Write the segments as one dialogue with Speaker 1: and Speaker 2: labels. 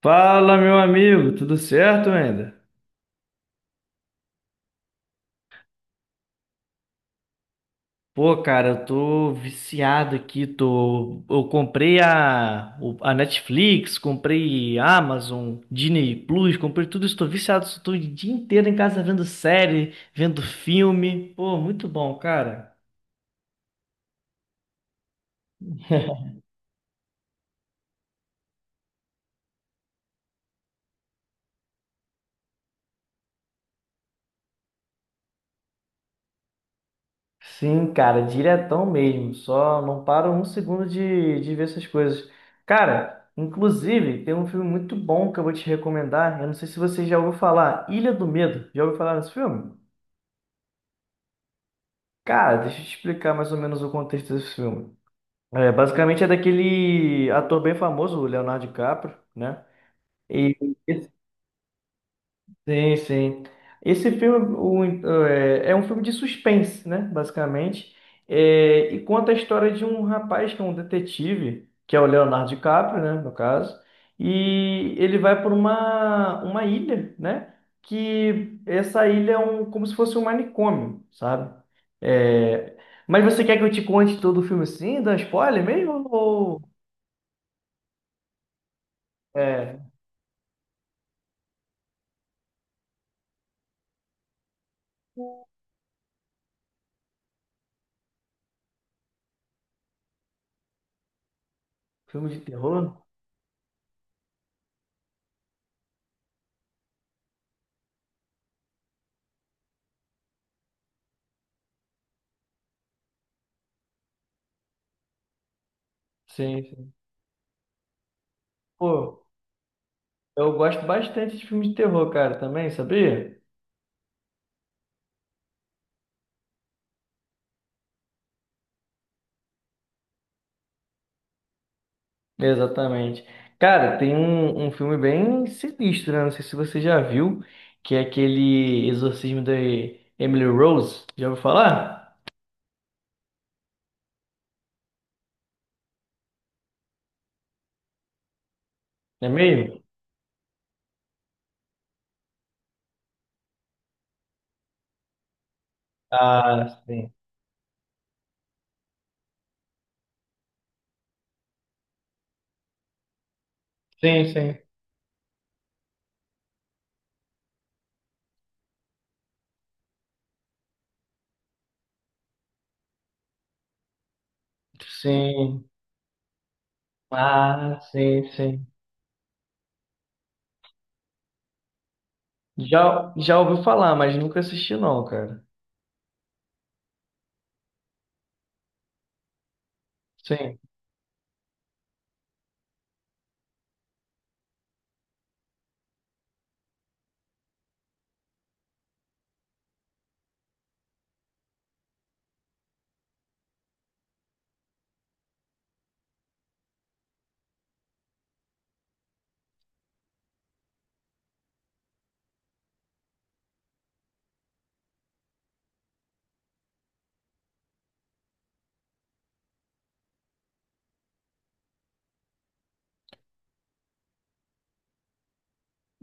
Speaker 1: Fala, meu amigo, tudo certo ainda? Pô, cara, eu tô viciado aqui, tô. Eu comprei a Netflix, comprei Amazon, Disney Plus, comprei tudo isso, tô viciado, tô o dia inteiro em casa vendo série, vendo filme. Pô, muito bom, cara. Sim, cara, diretão mesmo. Só não paro um segundo de ver essas coisas. Cara, inclusive, tem um filme muito bom que eu vou te recomendar. Eu não sei se você já ouviu falar. Ilha do Medo. Já ouviu falar nesse filme? Cara, deixa eu te explicar mais ou menos o contexto desse filme. É, basicamente é daquele ator bem famoso, o Leonardo DiCaprio, né? E sim, sim. Esse filme é um filme de suspense, né? Basicamente. É, e conta a história de um rapaz que é um detetive, que é o Leonardo DiCaprio, né? No caso. E ele vai por uma ilha, né? Que essa ilha é um, como se fosse um manicômio, sabe? É, mas você quer que eu te conte todo o filme assim? Dá spoiler mesmo? Ou é, filme de terror? Sim, sim. Pô. Eu gosto bastante de filme de terror, cara, também, sabia? Exatamente. Cara, tem um filme bem sinistro, né? Não sei se você já viu, que é aquele Exorcismo da Emily Rose. Já ouviu falar? É mesmo? Ah, sim. Sim, sim. Sim. Ah, sim, sim. Já, já ouviu falar, mas nunca assisti não, cara. Sim.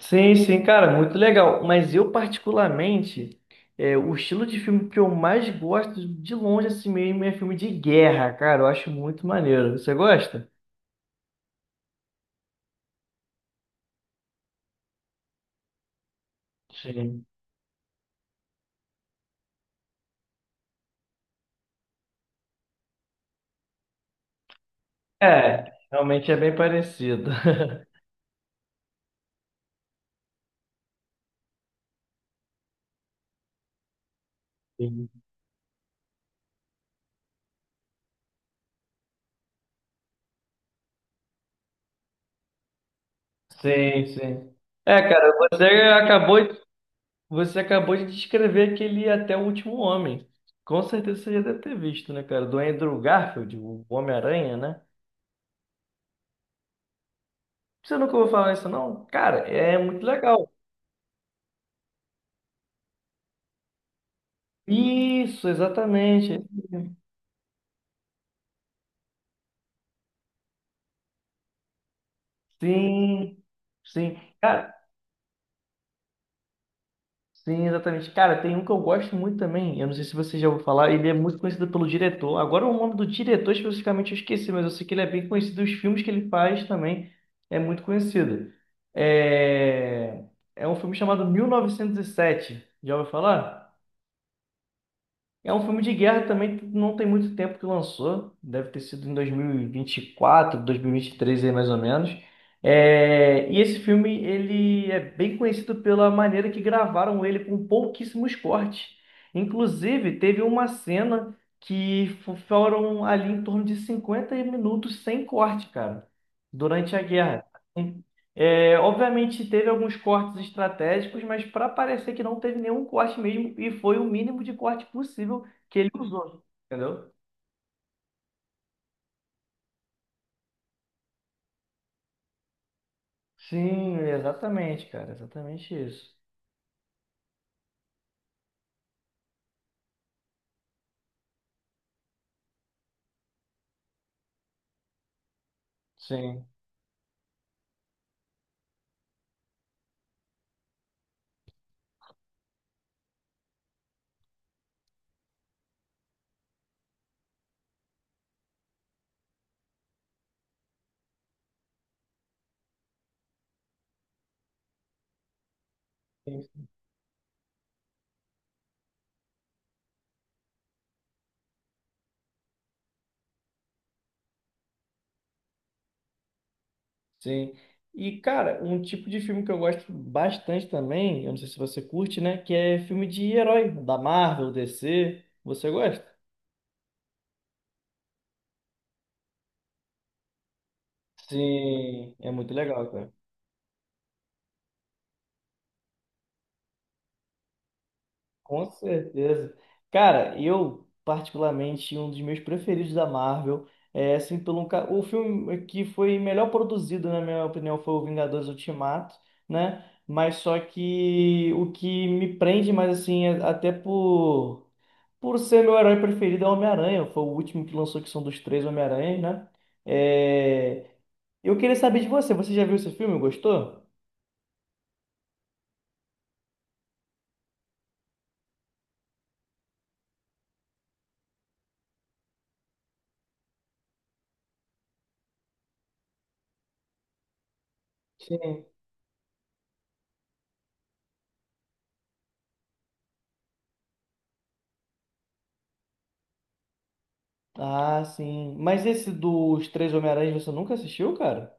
Speaker 1: Sim, sim, cara, muito legal. Mas eu, particularmente, é, o estilo de filme que eu mais gosto, de longe assim mesmo, é filme de guerra, cara. Eu acho muito maneiro. Você gosta? Sim. É, realmente é bem parecido. Sim, sim. Sim. É, cara, você acabou de descrever aquele Até o Último Homem. Com certeza você já deve ter visto, né, cara? Do Andrew Garfield, o Homem-Aranha, né? Você nunca ouviu falar isso, não? Cara, é muito legal. Isso, exatamente. Sim, sim. Cara, sim, exatamente. Cara, tem um que eu gosto muito também. Eu não sei se você já ouviu falar. Ele é muito conhecido pelo diretor. Agora, o nome do diretor especificamente eu esqueci, mas eu sei que ele é bem conhecido. Os filmes que ele faz também é muito conhecido. É, é um filme chamado 1907. Já ouviu falar? É um filme de guerra também, que não tem muito tempo que lançou, deve ter sido em dois mil e vinte e quatro, dois mil e vinte vinte quatro, e três aí mais ou menos. É, e esse filme ele é bem conhecido pela maneira que gravaram ele com pouquíssimos cortes. Inclusive, teve uma cena que foram ali em torno de 50 minutos sem corte, cara, durante a guerra. Então, é, obviamente teve alguns cortes estratégicos, mas para parecer que não teve nenhum corte mesmo e foi o mínimo de corte possível que ele usou, entendeu? Sim, exatamente, cara, exatamente isso. Sim, sim. Sim. E, cara, um tipo de filme que eu gosto bastante também, eu não sei se você curte, né, que é filme de herói, da Marvel, DC. Você gosta? Sim, é muito legal, cara. Com certeza. Cara, eu, particularmente, um dos meus preferidos da Marvel é, assim, o filme que foi melhor produzido, na minha opinião, foi o Vingadores Ultimato, né? Mas só que o que me prende mais, assim, até por ser meu herói preferido é o Homem-Aranha. Foi o último que lançou, que são dos três Homem-Aranhas, né? É, eu queria saber de você. Você já viu esse filme? Gostou? Sim. Ah, sim. Mas esse dos três Homem-Aranhas você nunca assistiu, cara?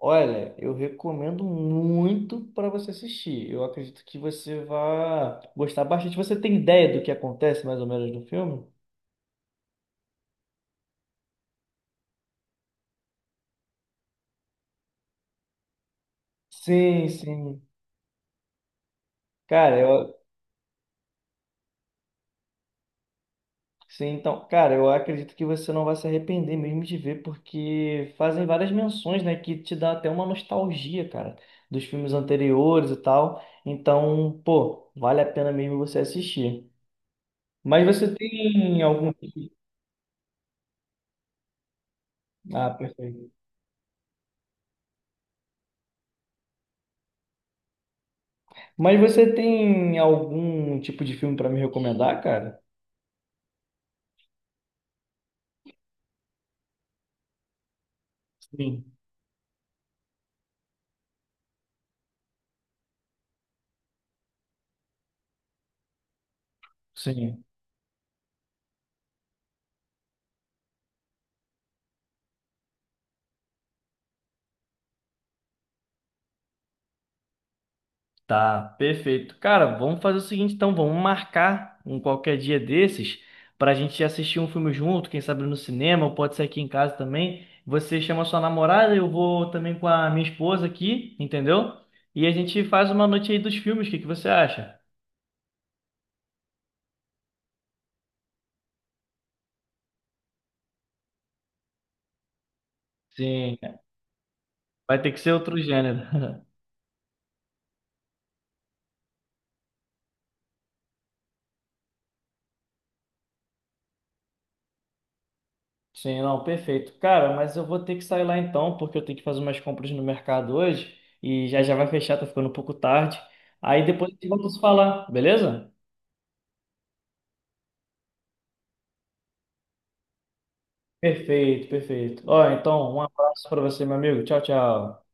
Speaker 1: Olha, eu recomendo muito para você assistir. Eu acredito que você vai gostar bastante. Você tem ideia do que acontece mais ou menos no filme? Sim, sim. Cara, então, cara, eu acredito que você não vai se arrepender mesmo de ver, porque fazem várias menções, né, que te dá até uma nostalgia, cara, dos filmes anteriores e tal. Então, pô, vale a pena mesmo você assistir. Mas você tem algum... Ah, perfeito. Mas você tem algum tipo de filme para me recomendar, cara? Sim, sim. Tá, perfeito. Cara, vamos fazer o seguinte então, vamos marcar um qualquer dia desses pra gente assistir um filme junto, quem sabe no cinema, ou pode ser aqui em casa também. Você chama sua namorada, eu vou também com a minha esposa aqui, entendeu? E a gente faz uma noite aí dos filmes, o que que você acha? Sim. Vai ter que ser outro gênero. Sim, não, perfeito. Cara, mas eu vou ter que sair lá então, porque eu tenho que fazer umas compras no mercado hoje e já vai fechar, tá ficando um pouco tarde. Aí depois a gente volta a se falar, beleza? Perfeito, perfeito. Ó, então, um abraço pra você, meu amigo. Tchau, tchau.